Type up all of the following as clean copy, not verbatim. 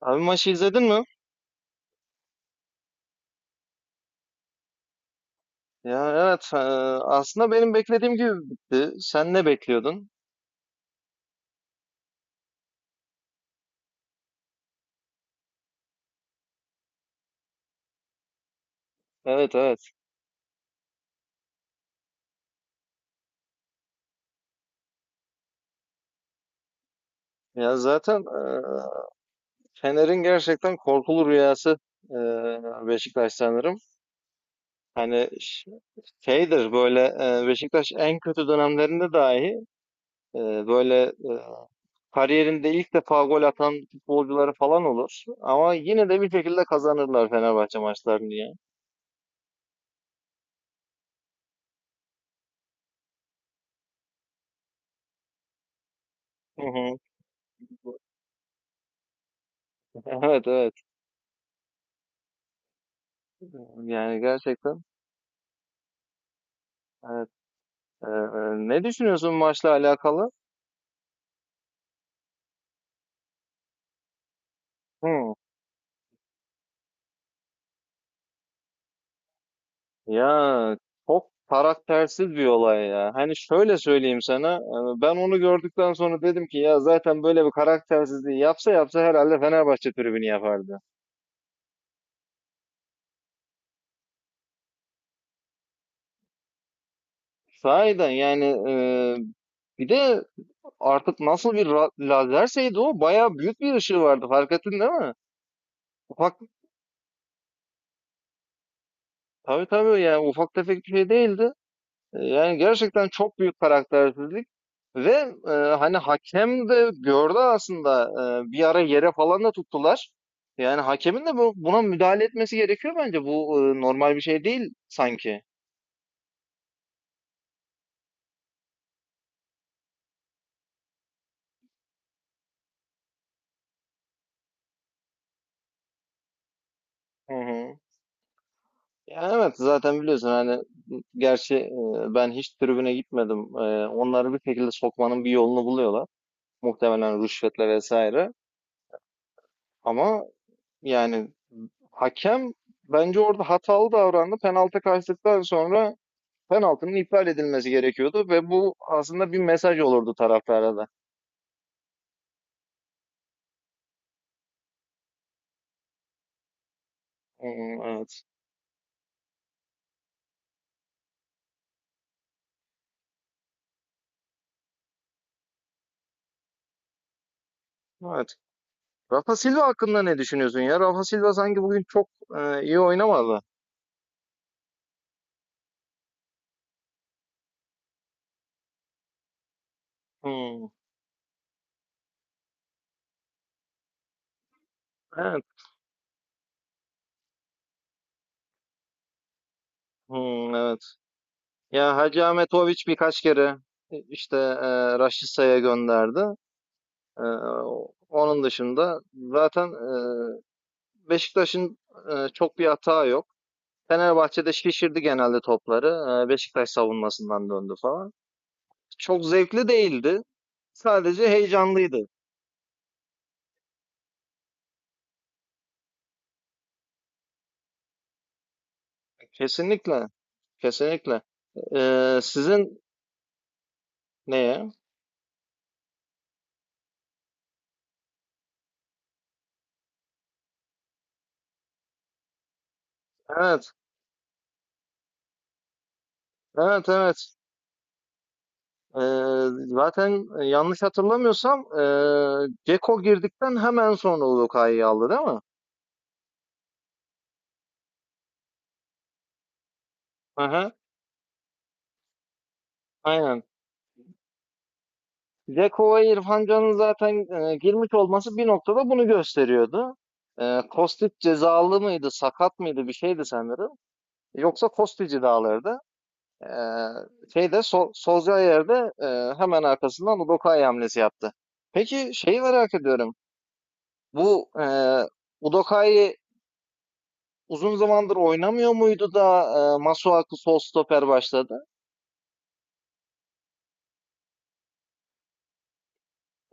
Abi maçı izledin mi? Ya evet, aslında benim beklediğim gibi bitti. Sen ne bekliyordun? Evet evet. Ya zaten Fener'in gerçekten korkulu rüyası e, Beşiktaş sanırım. Hani şeydir böyle. Beşiktaş en kötü dönemlerinde dahi e, böyle kariyerinde ilk defa gol atan futbolcuları falan olur. Ama yine de bir şekilde kazanırlar Fenerbahçe maçlarını ya. Hı hı. Evet evet. Yani gerçekten. Evet. Ee, ne düşünüyorsun maçla alakalı? Hı. Ya çok karaktersiz bir olay ya. Hani şöyle söyleyeyim sana. Ben onu gördükten sonra dedim ki ya zaten böyle bir karaktersizliği yapsa yapsa herhalde Fenerbahçe tribünü yapardı. Sahiden yani, bir de artık nasıl bir lazerseydi o bayağı büyük bir ışığı vardı. Fark ettin değil mi? Ufak, tabii tabii yani ufak tefek bir şey değildi. Yani gerçekten çok büyük karaktersizlik ve, hani hakem de gördü aslında, bir ara yere falan da tuttular. Yani hakemin de buna müdahale etmesi gerekiyor bence. Bu normal bir şey değil sanki. Hı hı. Yani evet, zaten biliyorsun hani. Gerçi ben hiç tribüne gitmedim. Onları bir şekilde sokmanın bir yolunu buluyorlar. Muhtemelen rüşvetle vesaire. Ama yani hakem bence orada hatalı davrandı. Penaltı kaçtıktan sonra penaltının iptal edilmesi gerekiyordu ve bu aslında bir mesaj olurdu taraftara da. Hmm, evet. Evet. Rafa Silva hakkında ne düşünüyorsun ya? Rafa Silva sanki bugün çok iyi oynamadı. Hmm, evet. Hmm, evet. Ya Hacı Ahmetoviç birkaç kere işte Raşitsa'ya gönderdi. E, onun dışında zaten Beşiktaş'ın çok bir hata yok. Fenerbahçe'de şişirdi genelde topları. Beşiktaş savunmasından döndü falan. Çok zevkli değildi. Sadece heyecanlıydı. Kesinlikle, kesinlikle. Sizin neye? Evet, evet, evet. Ee, zaten yanlış hatırlamıyorsam, Ceko girdikten hemen sonra Luka'yı aldı değil mi? Aha, aynen. Ceko ve İrfan Can'ın zaten girmiş olması bir noktada bunu gösteriyordu. Kostic cezalı mıydı, sakat mıydı, bir şeydi sanırım. Yoksa Kostic'i de alırdı. Ee, şeyde sol, Solskjaer'de hemen arkasından Udokai hamlesi yaptı. Peki şeyi merak ediyorum. Bu Udokai uzun zamandır oynamıyor muydu da Masuaku sol stoper başladı?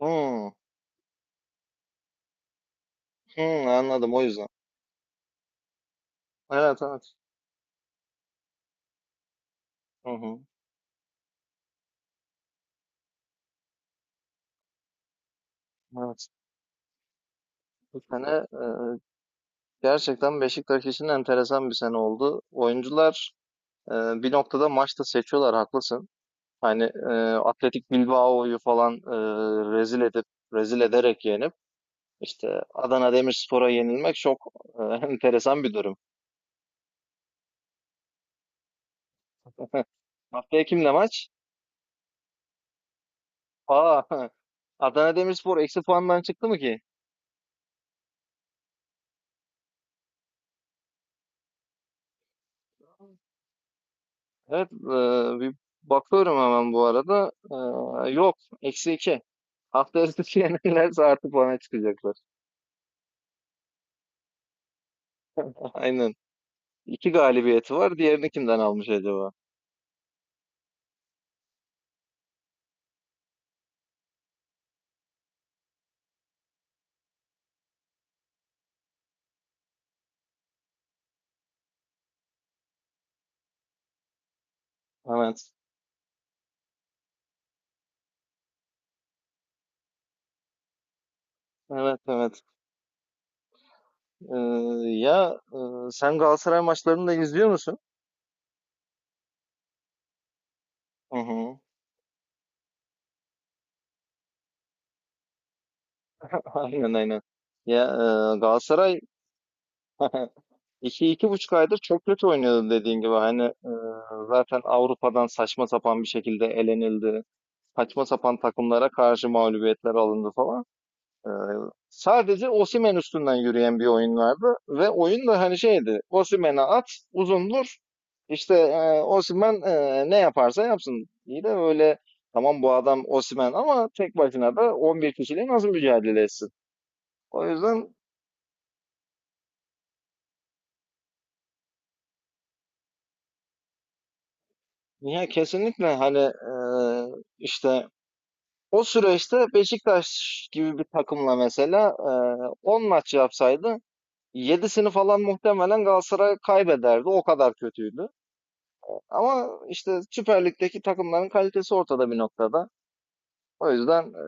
Hmm, hmm, anladım o yüzden. Evet evet. Hı hı, evet. Bu sene e, gerçekten Beşiktaş için enteresan bir sene oldu. Oyuncular e, bir noktada maçta seçiyorlar, haklısın. Hani Atletik Bilbao'yu falan rezil edip, rezil ederek yenip işte Adana Demirspor'a yenilmek çok enteresan bir durum. Haftaya kimle maç? Aa, Adana Demirspor eksi puandan çıktı mı ki? Evet, bir bakıyorum hemen bu arada. Yok, eksi iki. Haftaya sizi yenilirse artı puana çıkacaklar. Aynen. İki galibiyeti var. Diğerini kimden almış acaba? Evet. Evet, evet. Ya, sen Galatasaray maçlarını da izliyor musun? Hı hı. Aynen aynen. Ya, Galatasaray 2 iki buçuk aydır çok kötü oynuyordu dediğin gibi. Hani zaten Avrupa'dan saçma sapan bir şekilde elenildi. Saçma sapan takımlara karşı mağlubiyetler alındı falan. Ee, sadece Osimhen üstünden yürüyen bir oyun vardı ve oyun da hani şeydi. Osimhen'e at, uzun vur. İşte Osimhen, ne yaparsa yapsın. İyi de öyle, tamam, bu adam Osimhen, ama tek başına da 11 kişiyle nasıl mücadele etsin? O yüzden, ya kesinlikle hani, işte o süreçte Beşiktaş gibi bir takımla mesela 10 maç yapsaydı 7'sini falan muhtemelen Galatasaray kaybederdi. O kadar kötüydü. Ama işte Süper Lig'deki takımların kalitesi ortada bir noktada. O yüzden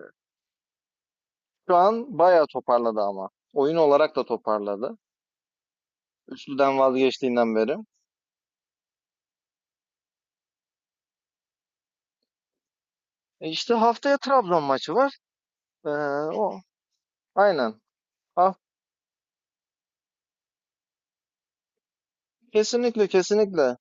şu an bayağı toparladı ama. Oyun olarak da toparladı. Üçlüden vazgeçtiğinden beri. E işte haftaya Trabzon maçı var. E, o aynen. Ha, kesinlikle kesinlikle.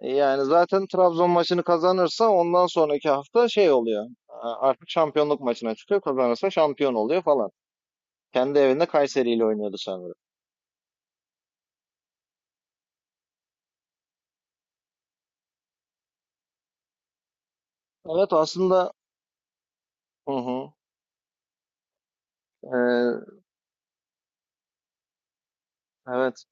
Yani zaten Trabzon maçını kazanırsa ondan sonraki hafta şey oluyor. Artık şampiyonluk maçına çıkıyor. Kazanırsa şampiyon oluyor falan. Kendi evinde Kayseri ile oynuyordu sanırım. Evet aslında. Hı hı. Evet.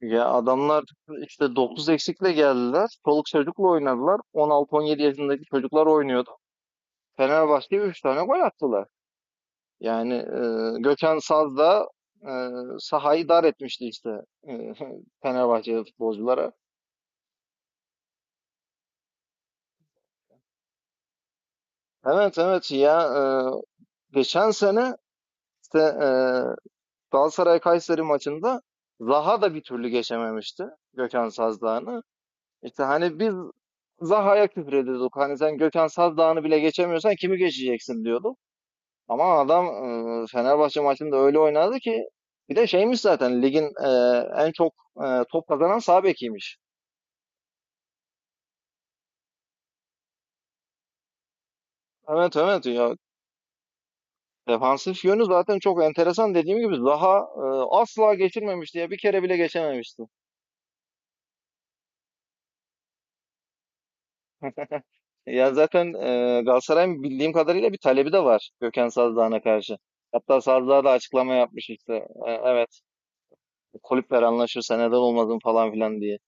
Ya adamlar işte 9 eksikle geldiler. Çoluk çocukla oynadılar. On altı on yedi yaşındaki çocuklar oynuyordu. Fenerbahçe'ye 3 tane gol attılar. Yani Gökhan Saz da e, sahayı dar etmişti işte e, Fenerbahçe futbolculara. Evet evet ya, geçen sene işte Galatasaray-Kayseri maçında Zaha da bir türlü geçememişti Gökhan Saz. İşte hani biz Zaha'ya küfür ediyorduk. Hani sen Gökhan Saz Dağı'nı bile geçemiyorsan kimi geçeceksin, diyorduk. Ama adam Fenerbahçe maçında öyle oynadı ki, bir de şeymiş zaten ligin en çok top kazanan sağ bekiymiş. Evet evet ya, defansif yönü zaten çok enteresan. Dediğim gibi Zaha asla geçirmemişti ya, bir kere bile geçememişti. Ya zaten Galatasaray'ın bildiğim kadarıyla bir talebi de var Gökhan Saz Dağı'na karşı. Hatta Saz Dağı da açıklama yapmış işte. Evet, kulüpler anlaşırsa neden olmasın, falan filan diye.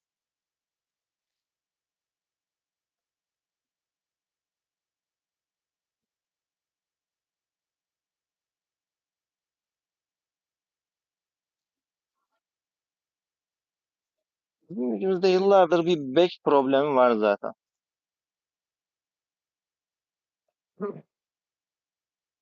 Bizim ülkemizde yıllardır bir bek problemi var zaten.